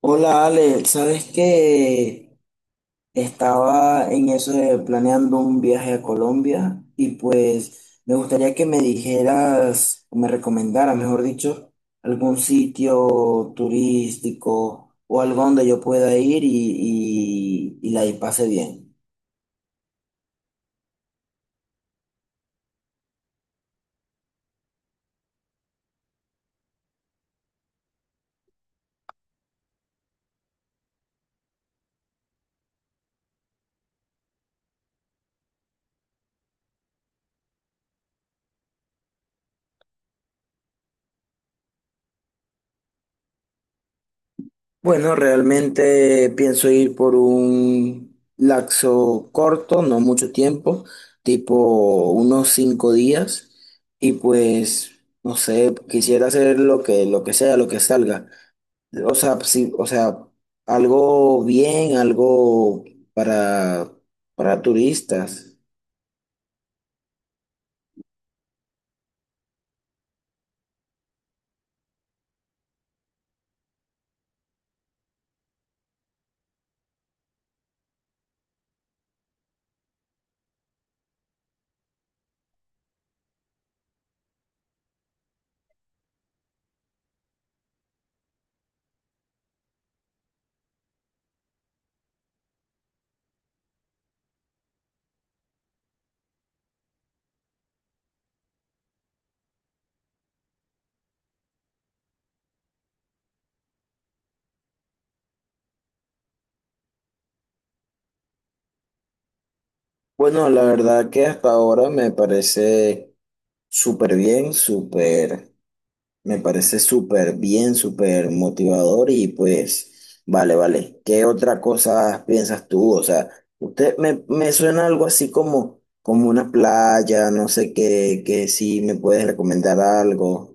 Hola Ale, ¿sabes que estaba en eso de planeando un viaje a Colombia y pues me gustaría que me dijeras o me recomendaras, mejor dicho, algún sitio turístico o algo donde yo pueda ir y pase bien? Bueno, realmente pienso ir por un laxo corto, no mucho tiempo, tipo unos 5 días, y pues, no sé, quisiera hacer lo que sea, lo que salga. O sea, sí, o sea, algo bien, algo para, para turistas. Bueno, la verdad que hasta ahora me parece súper bien, súper. Me parece súper bien, súper motivador y pues, vale, vale. ¿Qué otra cosa piensas tú? O sea, usted me suena algo así como, como una playa, no sé qué, que si me puedes recomendar algo.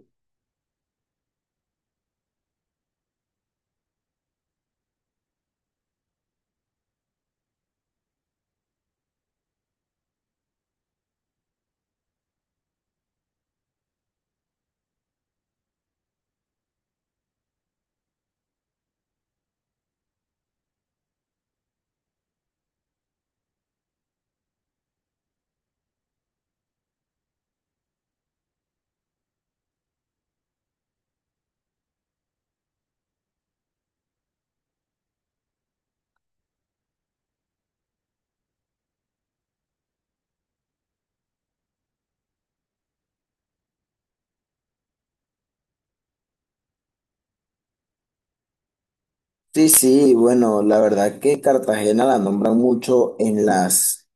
Sí, sí, bueno, la verdad que Cartagena la nombran mucho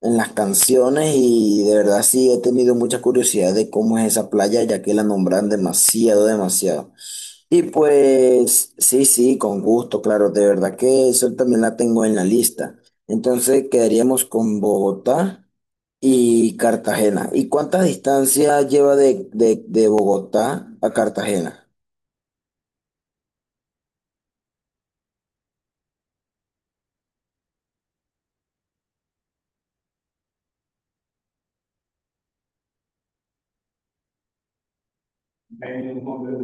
en las canciones y de verdad sí he tenido mucha curiosidad de cómo es esa playa, ya que la nombran demasiado, demasiado. Y pues sí, sí, con gusto, claro, de verdad que eso también la tengo en la lista. Entonces quedaríamos con Bogotá y Cartagena. ¿Y cuánta distancia lleva de Bogotá a Cartagena?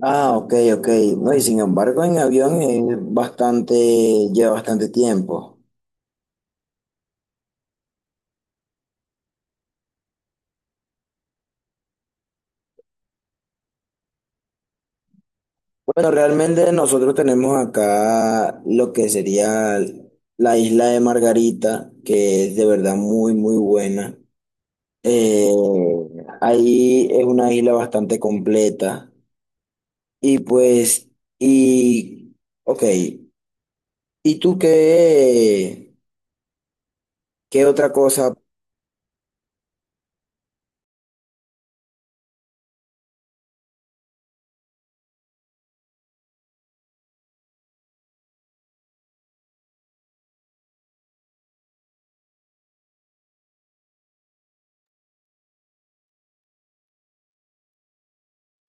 Ah, ok, ok. No, y sin embargo, en avión es bastante, lleva bastante tiempo. Bueno, realmente nosotros tenemos acá lo que sería la isla de Margarita, que es de verdad muy, muy buena. Eh, Ahí es una isla bastante completa. Y pues, y, ok, ¿y tú qué, qué otra cosa?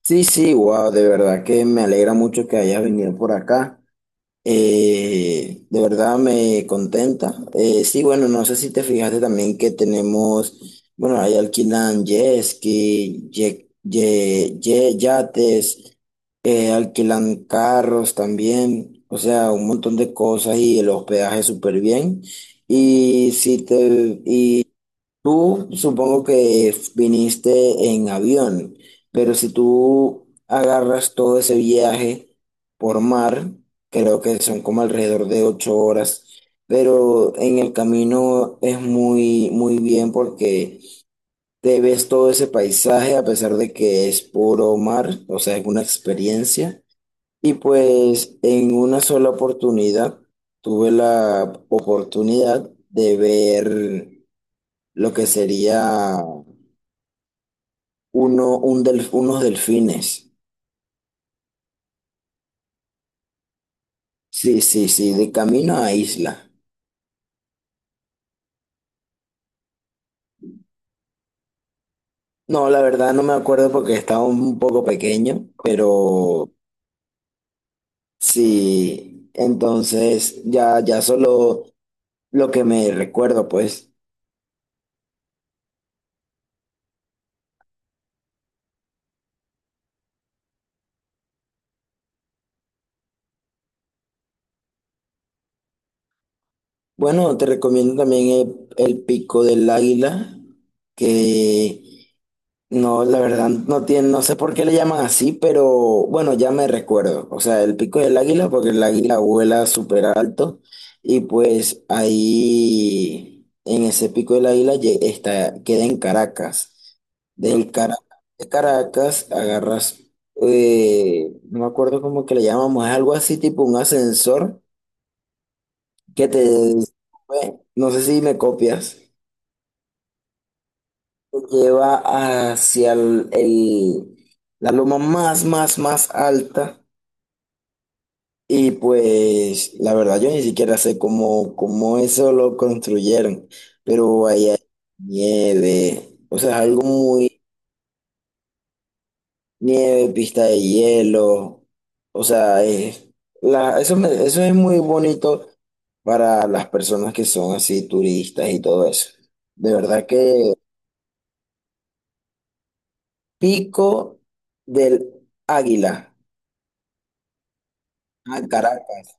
Sí, sí, wow, de verdad que me alegra mucho que hayas venido por acá. De verdad me contenta. Sí, bueno, no sé si te fijaste también que tenemos, bueno, ahí alquilan jet ski, yates, alquilan carros también, o sea, un montón de cosas y el hospedaje súper bien. Y si te, tú supongo que viniste en avión, pero si tú agarras todo ese viaje por mar, creo que son como alrededor de 8 horas, pero en el camino es muy, muy bien porque te ves todo ese paisaje a pesar de que es puro mar, o sea, es una experiencia. Y pues en una sola oportunidad tuve la oportunidad de ver lo que sería uno, un unos delfines. Sí, sí, sí, de camino a isla. No, la verdad no me acuerdo porque estaba un poco pequeño, pero sí, entonces ya, ya solo lo que me recuerdo, pues. Bueno, te recomiendo también el Pico del Águila, que no, la verdad, no tiene, no sé por qué le llaman así, pero bueno, ya me recuerdo. O sea, el Pico del Águila, porque el águila vuela súper alto y pues ahí, en ese Pico del Águila, está, queda en Caracas. Del Caracas, de Caracas agarras, no me acuerdo cómo que le llamamos, es algo así tipo un ascensor que te sube. No sé si me copias. Lleva hacia la loma más alta. Y pues la verdad yo ni siquiera sé cómo eso lo construyeron, pero ahí hay nieve, o sea, algo muy nieve, pista de hielo, o sea, eso es muy bonito para las personas que son así turistas y todo eso. De verdad que Pico del Águila, a Caracas.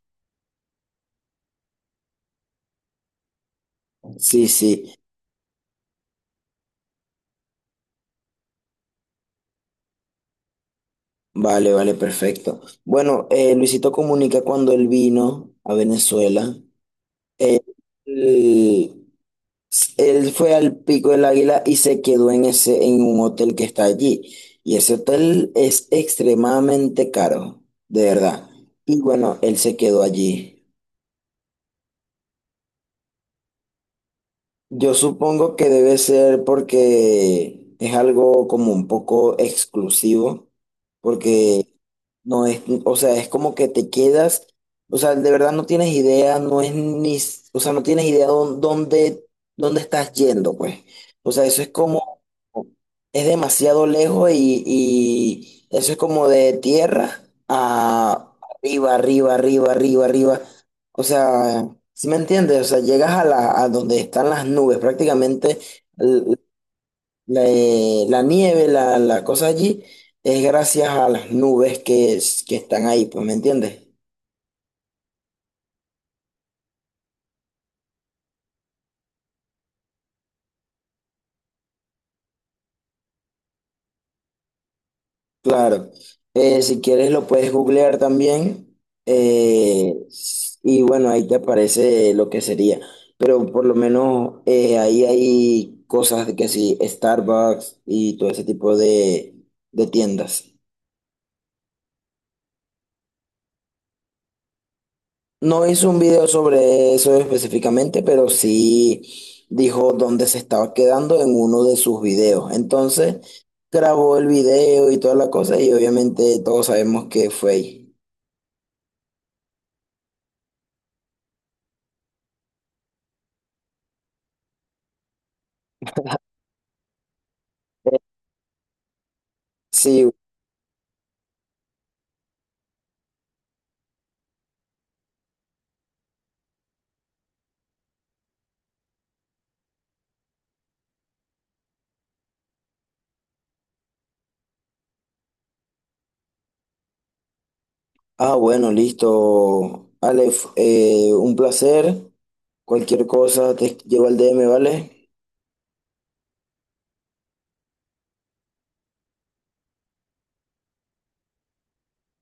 Sí, sí, vale, vale, perfecto. Bueno, Luisito Comunica cuando él vino a Venezuela, eh, él, él fue al Pico del Águila y se quedó en un hotel que está allí. Y ese hotel es extremadamente caro, de verdad. Y bueno, él se quedó allí. Yo supongo que debe ser porque es algo como un poco exclusivo, porque no es, o sea, es como que te quedas, o sea, de verdad no tienes idea, no es ni, o sea, no tienes idea dónde, dónde estás yendo, pues. O sea, eso es como, es demasiado lejos y eso es como de tierra a arriba, arriba, arriba, arriba, arriba. O sea, ¿si me entiendes? O sea, llegas a la, a donde están las nubes, prácticamente l- la, la nieve, la cosa allí, es gracias a las nubes que, que están ahí, pues, ¿me entiendes? Claro. Si quieres lo puedes googlear también, eh, y bueno, ahí te aparece lo que sería. Pero por lo menos ahí hay cosas de que sí, Starbucks y todo ese tipo de tiendas. No hizo un video sobre eso específicamente, pero sí dijo dónde se estaba quedando en uno de sus videos. Entonces grabó el video y toda la cosa y obviamente todos sabemos que fue ahí. Sí, ah, bueno, listo. Aleph, un placer. Cualquier cosa te llevo al DM, ¿vale?